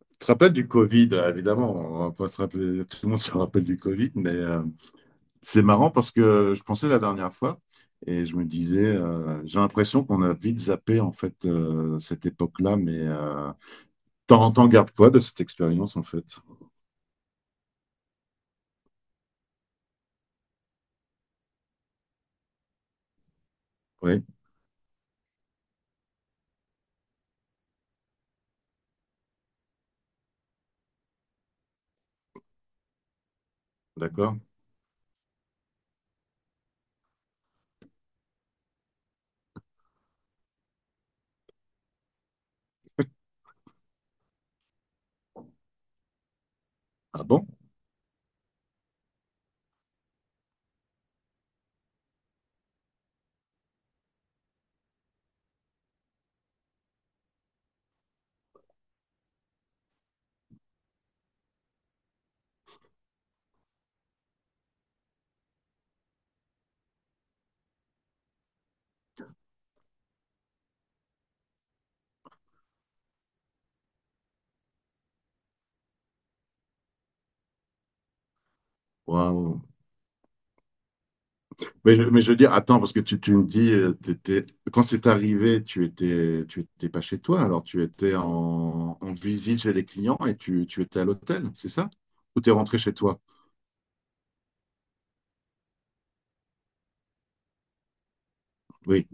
Tu te rappelles du Covid, évidemment, on va pas se rappeler, tout le monde se rappelle du Covid, mais c'est marrant parce que je pensais la dernière fois et je me disais, j'ai l'impression qu'on a vite zappé en fait cette époque-là, mais t'en gardes quoi de cette expérience en fait? Oui, d'accord. Ah bon? Waouh. Mais, mais je veux dire, attends, parce que tu me dis, quand c'est arrivé, tu étais pas chez toi, alors tu étais en, en visite chez les clients et tu étais à l'hôtel, c'est ça? Ou t'es rentré chez toi? Oui.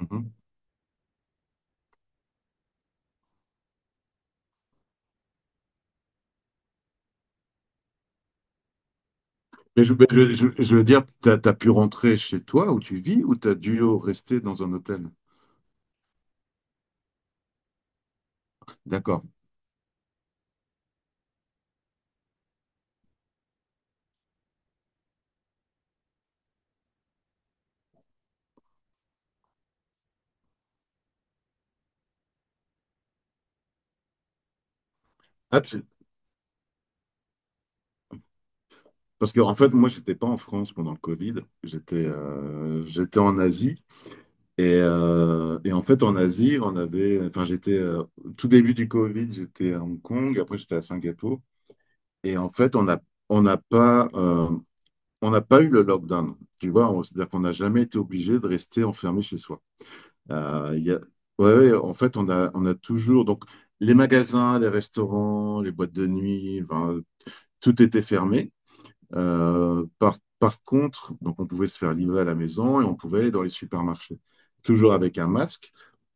Mhm. Mais mais je veux dire, tu as pu rentrer chez toi où tu vis ou tu as dû rester dans un hôtel? D'accord. Ah, tu- Parce que, en fait, moi, j'étais pas en France pendant le Covid. J'étais j'étais en Asie. Et en fait, en Asie, on avait. Enfin, j'étais. Tout début du Covid, j'étais à Hong Kong. Après, j'étais à Singapour. Et en fait, on n'a pas, euh, on n'a pas eu le lockdown. Tu vois, c'est-à-dire qu'on n'a jamais été obligé de rester enfermé chez soi. Euh, il y a- ouais, en fait, on a toujours. Donc, les magasins, les restaurants, les boîtes de nuit, enfin, tout était fermé. Par contre, donc on pouvait se faire livrer à la maison et on pouvait aller dans les supermarchés. Toujours avec un masque,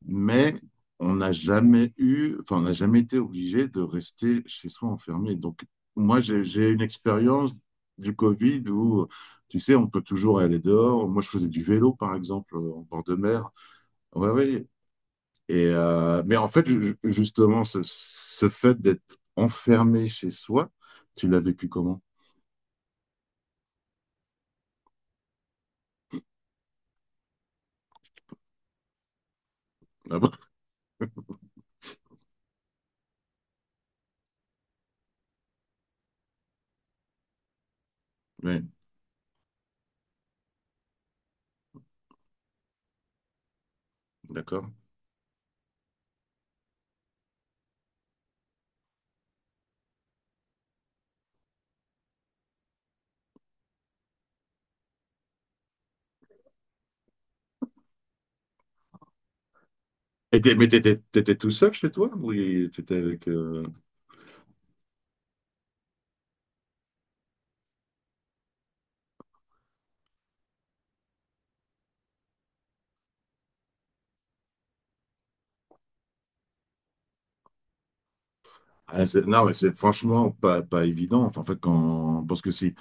mais on n'a jamais eu, enfin, on n'a jamais été obligé de rester chez soi enfermé. Donc, moi, j'ai une expérience du Covid où, tu sais, on peut toujours aller dehors. Moi, je faisais du vélo, par exemple, en bord de mer. Oui, oui. Et, mais en fait, justement, ce fait d'être enfermé chez soi, tu l'as vécu comment? Ah bon? Oui, d'accord. Et mais t'étais tout seul chez toi? Oui, t'étais avec... ah, non, mais c'est franchement pas évident. Enfin, en fait, quand, parce que si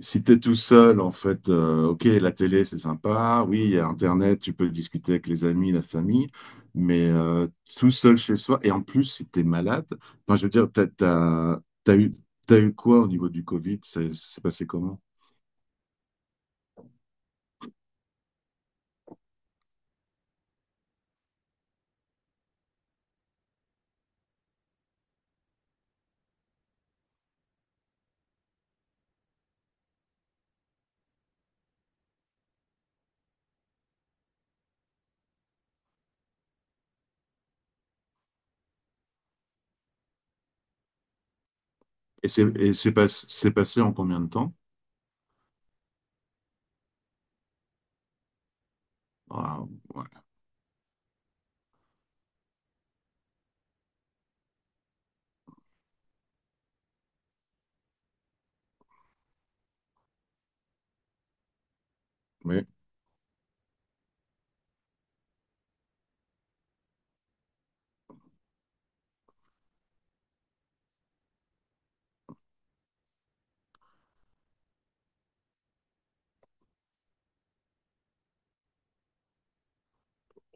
si tu es tout seul, en fait, ok, la télé, c'est sympa. Oui, il y a Internet, tu peux discuter avec les amis, la famille. Mais tout seul chez soi, et en plus, si tu es malade, enfin, je veux dire, t'as eu quoi au niveau du Covid? C'est passé comment? Et c'est pas- c'est passé en combien de temps? Ah, ouais. Oui.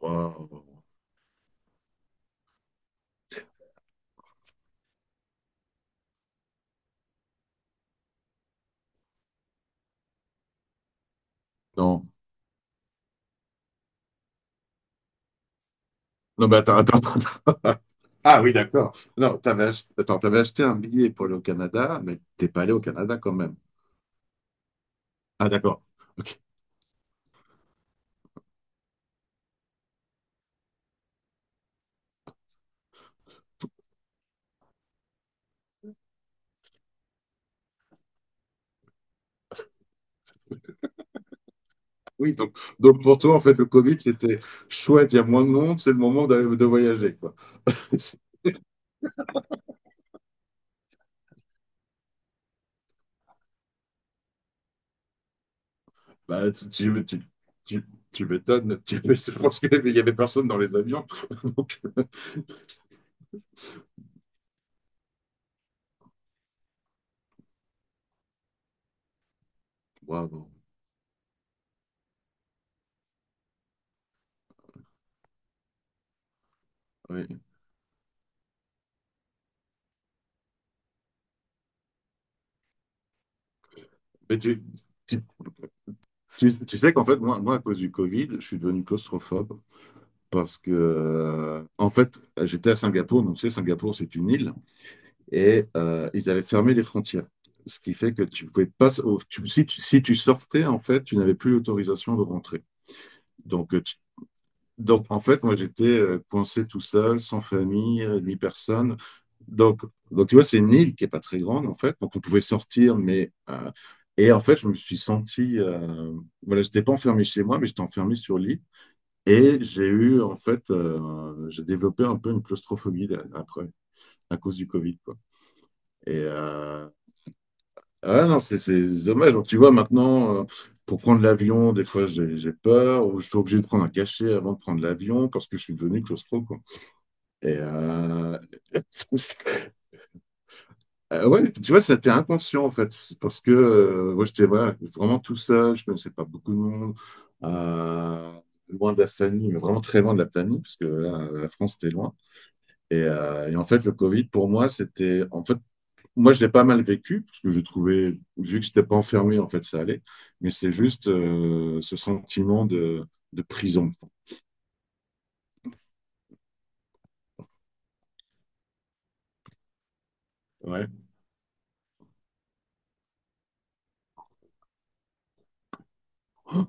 Wow. Non. Non, mais attends, attends, Ah oui, d'accord. Non, attends, t'avais acheté un billet pour aller au Canada, mais t'es pas allé au Canada quand même. Ah d'accord. Ok. Oui, donc pour toi, en fait, le Covid, c'était chouette, il y a moins de monde, c'est le moment de voyager, quoi. Bah, tu- tu m'étonnes, tu m'étonnes. Je pense qu'il n'y avait personne dans les avions. Donc, bravo. Oui. Mais tu- tu sais qu'en fait, moi, à cause du Covid, je suis devenu claustrophobe parce que, en fait, j'étais à Singapour. Donc, tu sais, Singapour, c'est une île. Et ils avaient fermé les frontières. Ce qui fait que tu pouvais pas, si, si tu sortais, en fait, tu n'avais plus l'autorisation de rentrer. Donc, donc, en fait, moi, j'étais coincé tout seul, sans famille, ni personne. Donc, donc, tu vois, c'est une île qui n'est pas très grande, en fait. Donc, on pouvait sortir, mais... et en fait, je me suis senti... voilà, je n'étais pas enfermé chez moi, mais j'étais enfermé sur l'île. Et j'ai eu, en fait, j'ai développé un peu une claustrophobie après, à cause du Covid, quoi. Et, ah ouais, non, c'est dommage. Donc, tu vois, maintenant, pour prendre l'avion, des fois, j'ai peur, ou je suis obligé de prendre un cachet avant de prendre l'avion parce que je suis devenu claustro, quoi. Et ouais, tu vois, c'était inconscient, en fait. C'est parce que moi, j'étais voilà, vraiment tout seul, je connaissais pas beaucoup de monde, euh, loin de la famille, mais vraiment très loin de la famille, parce que là, la France était loin. Et en fait, le Covid, pour moi, c'était... En fait, moi, je l'ai pas mal vécu, parce que je trouvais, vu que je n'étais pas enfermé, en fait, ça allait. Mais c'est juste ce sentiment de prison. Ouais. Oh,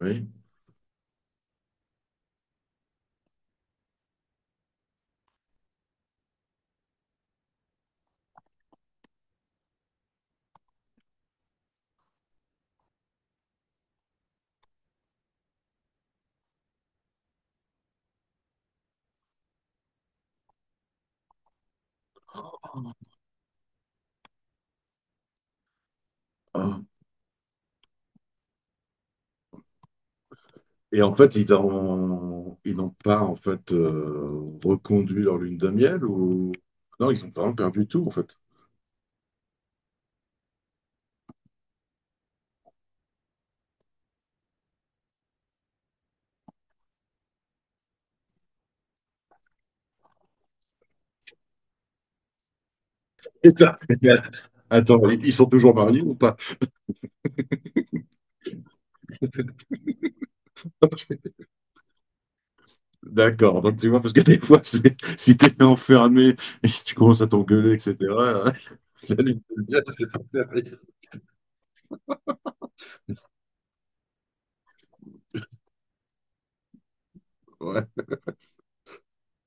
oui. Ah. Et en fait, ils n'ont pas en fait reconduit leur lune de miel ou non, ils ont vraiment perdu tout en fait. Et ça- Attends, ils sont toujours mariés ou pas? D'accord, donc tu vois, parce que des fois, c'est- si t'es enfermé et que tu commences à t'engueuler, etc., avec la lune de miel, c'est pas terrible. Ouais,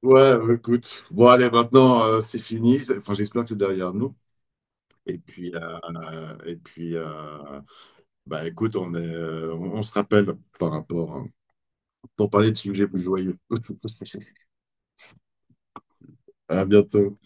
ouais, bah, écoute. Bon, allez, maintenant, c'est fini. Enfin, j'espère que c'est derrière nous. Et puis, bah, écoute, on est, on se rappelle par rapport, hein, pour parler de sujets plus joyeux. À bientôt.